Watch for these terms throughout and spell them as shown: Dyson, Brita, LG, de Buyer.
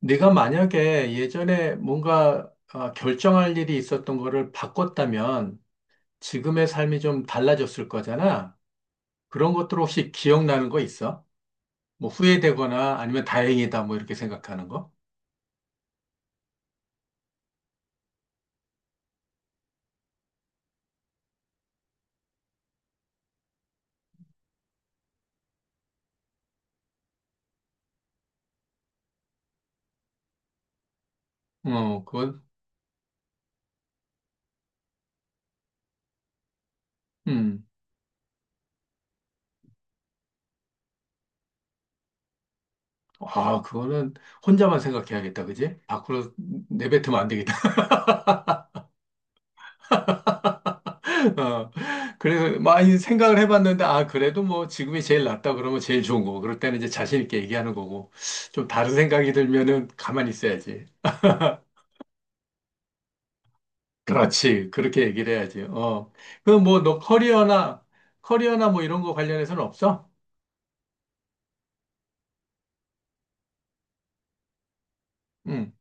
네가 만약에 예전에 뭔가 아, 결정할 일이 있었던 거를 바꿨다면 지금의 삶이 좀 달라졌을 거잖아. 그런 것들 혹시 기억나는 거 있어? 뭐 후회되거나 아니면 다행이다 뭐 이렇게 생각하는 거? 어, 그건 음. 아, 그거는 혼자만 생각해야겠다, 그지? 밖으로 내뱉으면 안 되겠다. 어, 그래서 많이 생각을 해봤는데, 아, 그래도 뭐 지금이 제일 낫다 그러면 제일 좋은 거고, 그럴 때는 이제 자신 있게 얘기하는 거고, 좀 다른 생각이 들면은 가만히 있어야지. 그렇지. 그렇게 얘기를 해야지. 어. 그럼 뭐 너 커리어나, 커리어나 뭐 이런 거 관련해서는 없어? 응,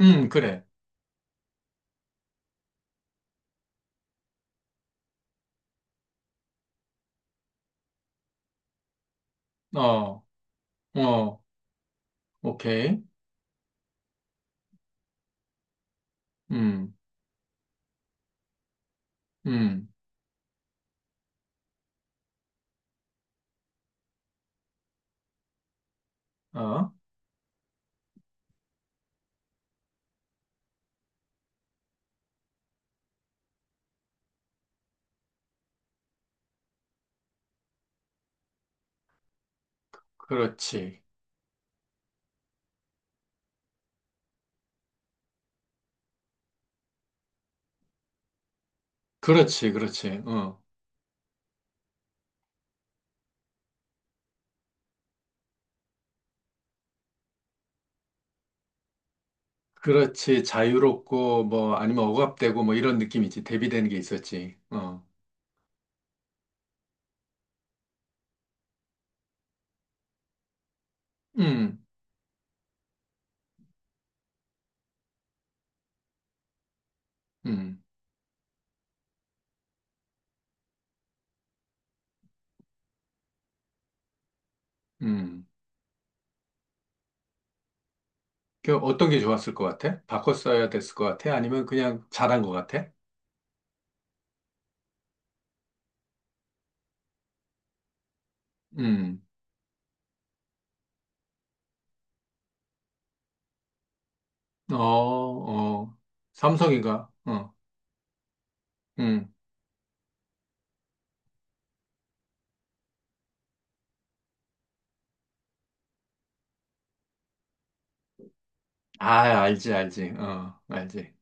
응, 그래. 어, 어, 오케이. 음, 음, 어, 그렇지. 그렇지, 그렇지. 어. 그렇지. 자유롭고, 뭐, 아니면 억압되고, 뭐, 이런 느낌이지. 대비되는 게 있었지. 어. 음, 음, 음. 그 어떤 게 좋았을 것 같아? 바꿨어야 됐을 것 같아? 아니면 그냥 잘한 것 같아? 음, 어, 어, 삼성인가? 어, 음. 아, 알지, 알지. 어, 알지.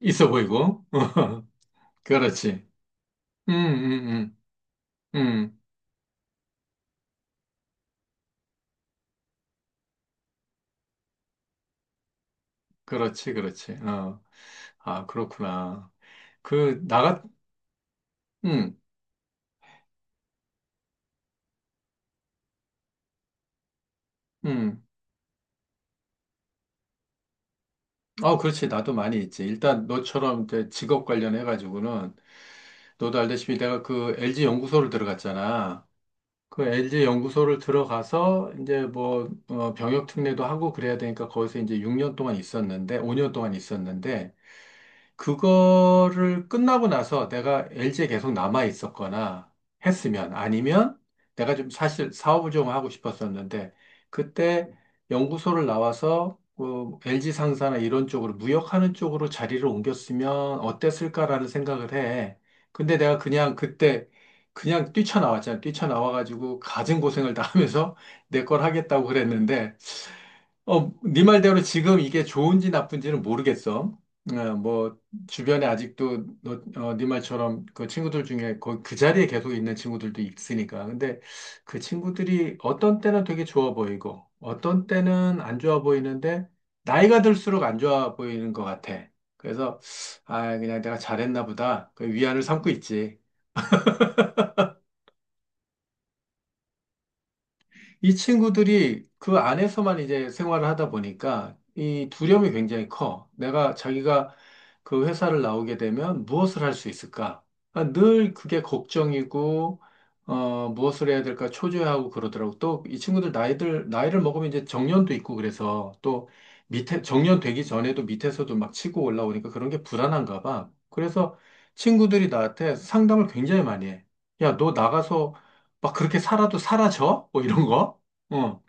있어 보이고. 그렇지. 음, 음, 음, 음. 그렇지, 그렇지. 어, 아, 그렇구나. 그, 나가, 음, 음. 어 그렇지. 나도 많이 있지. 일단 너처럼 이제 직업 관련해가지고는 너도 알다시피 내가 그 LG 연구소를 들어갔잖아. 그 LG 연구소를 들어가서 이제 뭐 어, 병역 특례도 하고 그래야 되니까 거기서 이제 6년 동안 있었는데, 5년 동안 있었는데 그거를 끝나고 나서 내가 LG에 계속 남아 있었거나 했으면 아니면 내가 좀 사실 사업을 좀 하고 싶었었는데 그때 연구소를 나와서 어, LG 상사나 이런 쪽으로 무역하는 쪽으로 자리를 옮겼으면 어땠을까라는 생각을 해. 근데 내가 그냥 그때 그냥 뛰쳐나왔잖아. 뛰쳐나와가지고 가진 고생을 다 하면서 내 걸 하겠다고 그랬는데 어, 네 말대로 지금 이게 좋은지 나쁜지는 모르겠어. 어, 뭐 주변에 아직도 너, 어, 네 말처럼 그 친구들 중에 거그 자리에 계속 있는 친구들도 있으니까. 근데 그 친구들이 어떤 때는 되게 좋아 보이고 어떤 때는 안 좋아 보이는데 나이가 들수록 안 좋아 보이는 것 같아. 그래서 아, 그냥 내가 잘했나 보다. 그 위안을 삼고 있지. 이 친구들이 그 안에서만 이제 생활을 하다 보니까 이 두려움이 굉장히 커. 내가 자기가 그 회사를 나오게 되면 무엇을 할 수 있을까? 아, 늘 그게 걱정이고, 어, 무엇을 해야 될까 초조해하고 그러더라고. 또 이 친구들 나이를 먹으면 이제 정년도 있고 그래서 또 밑에, 정년 되기 전에도 밑에서도 막 치고 올라오니까 그런 게 불안한가 봐. 그래서 친구들이 나한테 상담을 굉장히 많이 해. 야, 너 나가서 막 그렇게 살아도 사라져? 뭐 이런 거? 어,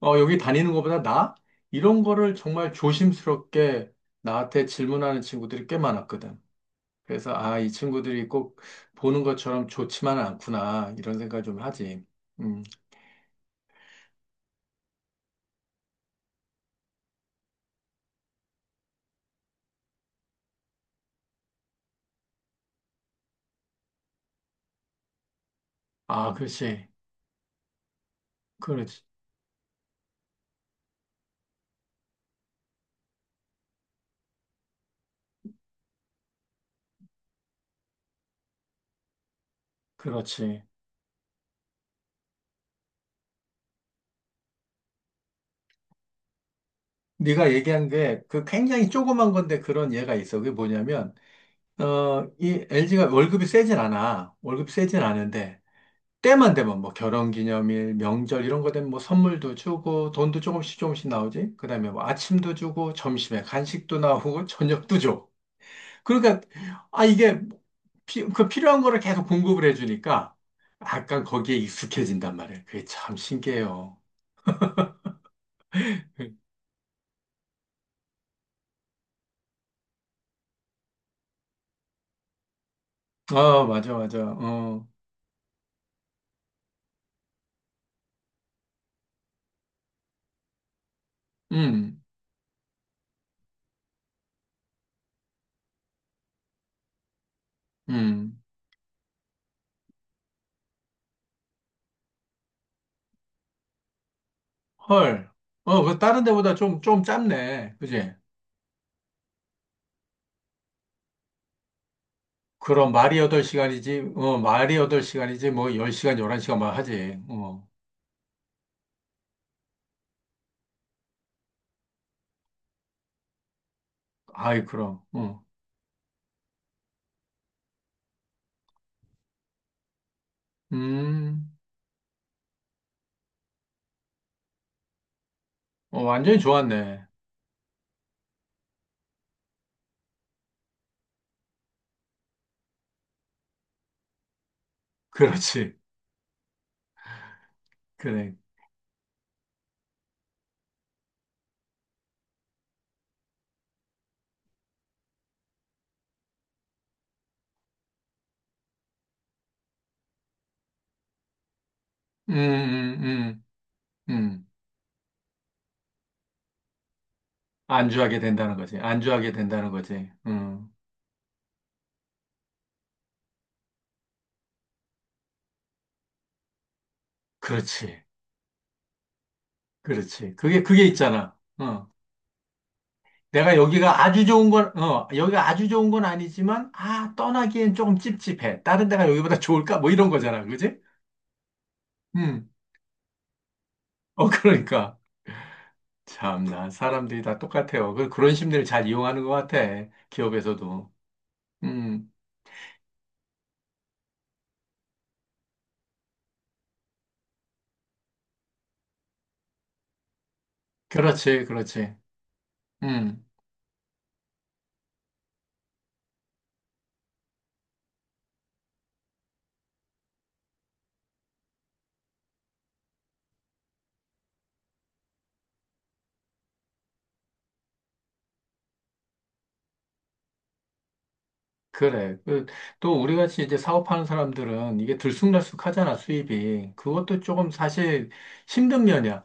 어, 여기 다니는 것보다 나? 이런 거를 정말 조심스럽게 나한테 질문하는 친구들이 꽤 많았거든. 그래서, 아, 이 친구들이 꼭 보는 것처럼 좋지만은 않구나. 이런 생각을 좀 하지. 음, 아, 그렇지. 그렇지. 그렇지. 네가 얘기한 게 그 굉장히 조그만 건데 그런 예가 있어. 그게 뭐냐면, 어, 이 LG가 월급이 세진 않아. 월급이 세진 않은데. 때만 되면 뭐 결혼기념일, 명절 이런 거 되면 뭐 선물도 주고 돈도 조금씩 조금씩 나오지. 그다음에 뭐 아침도 주고 점심에 간식도 나오고 저녁도 줘. 그러니까 아 이게 그 필요한 거를 계속 공급을 해주니까 약간 거기에 익숙해진단 말이에요. 그게 참 신기해요. 아 맞아 맞아. 어, 음, 음, 헐. 어, 그 다른 데보다 좀 짧네. 그지? 그럼 말이 8시간이지, 어, 말이 8시간이지, 뭐 10시간, 11시간만 하지. 어. 아이, 그럼. 어. 음, 어, 완전히 좋았네. 그렇지. 그래. 음, 음, 음, 음. 안주하게 된다는 거지. 안주하게 된다는 거지. 그렇지. 그렇지. 그게, 그게 있잖아. 어. 내가 여기가 아주 좋은 건, 어, 여기가 아주 좋은 건 아니지만, 아, 떠나기엔 조금 찝찝해. 다른 데가 여기보다 좋을까? 뭐 이런 거잖아. 그지? 음, 어, 그러니까. 참나, 사람들이 다 똑같아요. 그런 심리를 잘 이용하는 것 같아. 기업에서도. 음, 그렇지, 그렇지. 음, 그래. 그, 또 우리 같이 이제 사업하는 사람들은 이게 들쑥날쑥하잖아, 수입이. 그것도 조금 사실 힘든 면이야.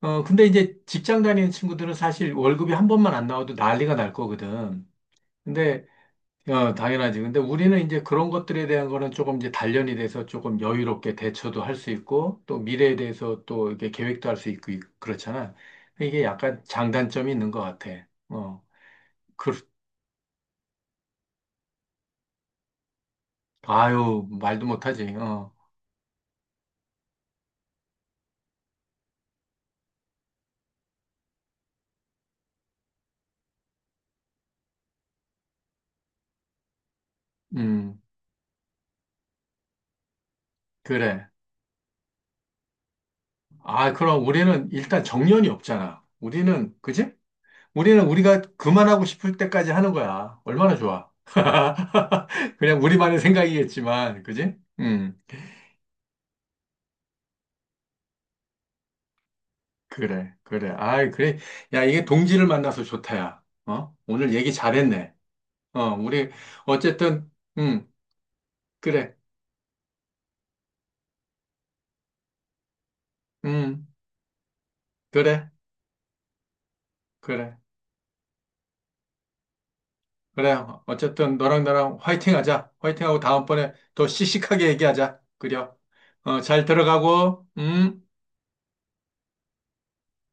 어, 근데 이제 직장 다니는 친구들은 사실 월급이 한 번만 안 나와도 난리가 날 거거든. 근데, 어, 당연하지. 근데 우리는 이제 그런 것들에 대한 거는 조금 이제 단련이 돼서 조금 여유롭게 대처도 할 수 있고, 또 미래에 대해서 또 이렇게 계획도 할 수 있고, 그렇잖아. 이게 약간 장단점이 있는 것 같아. 어, 그, 아유, 말도 못하지. 어. 음. 그래. 아, 그럼 우리는 일단 정년이 없잖아. 우리는, 그지? 우리는 우리가 그만하고 싶을 때까지 하는 거야. 얼마나 좋아. 그냥 우리만의 생각이겠지만, 그지? 그래, 그래. 아이, 그래. 야, 이게 동지를 만나서 좋다, 야. 어? 오늘 얘기 잘했네. 어, 우리, 어쨌든, 음, 그래. 음, 그래, 그래. 그래, 어쨌든 너랑 나랑 화이팅 하자. 화이팅 하고 다음번에 더 씩씩하게 얘기하자. 그래. 어, 잘 들어가고.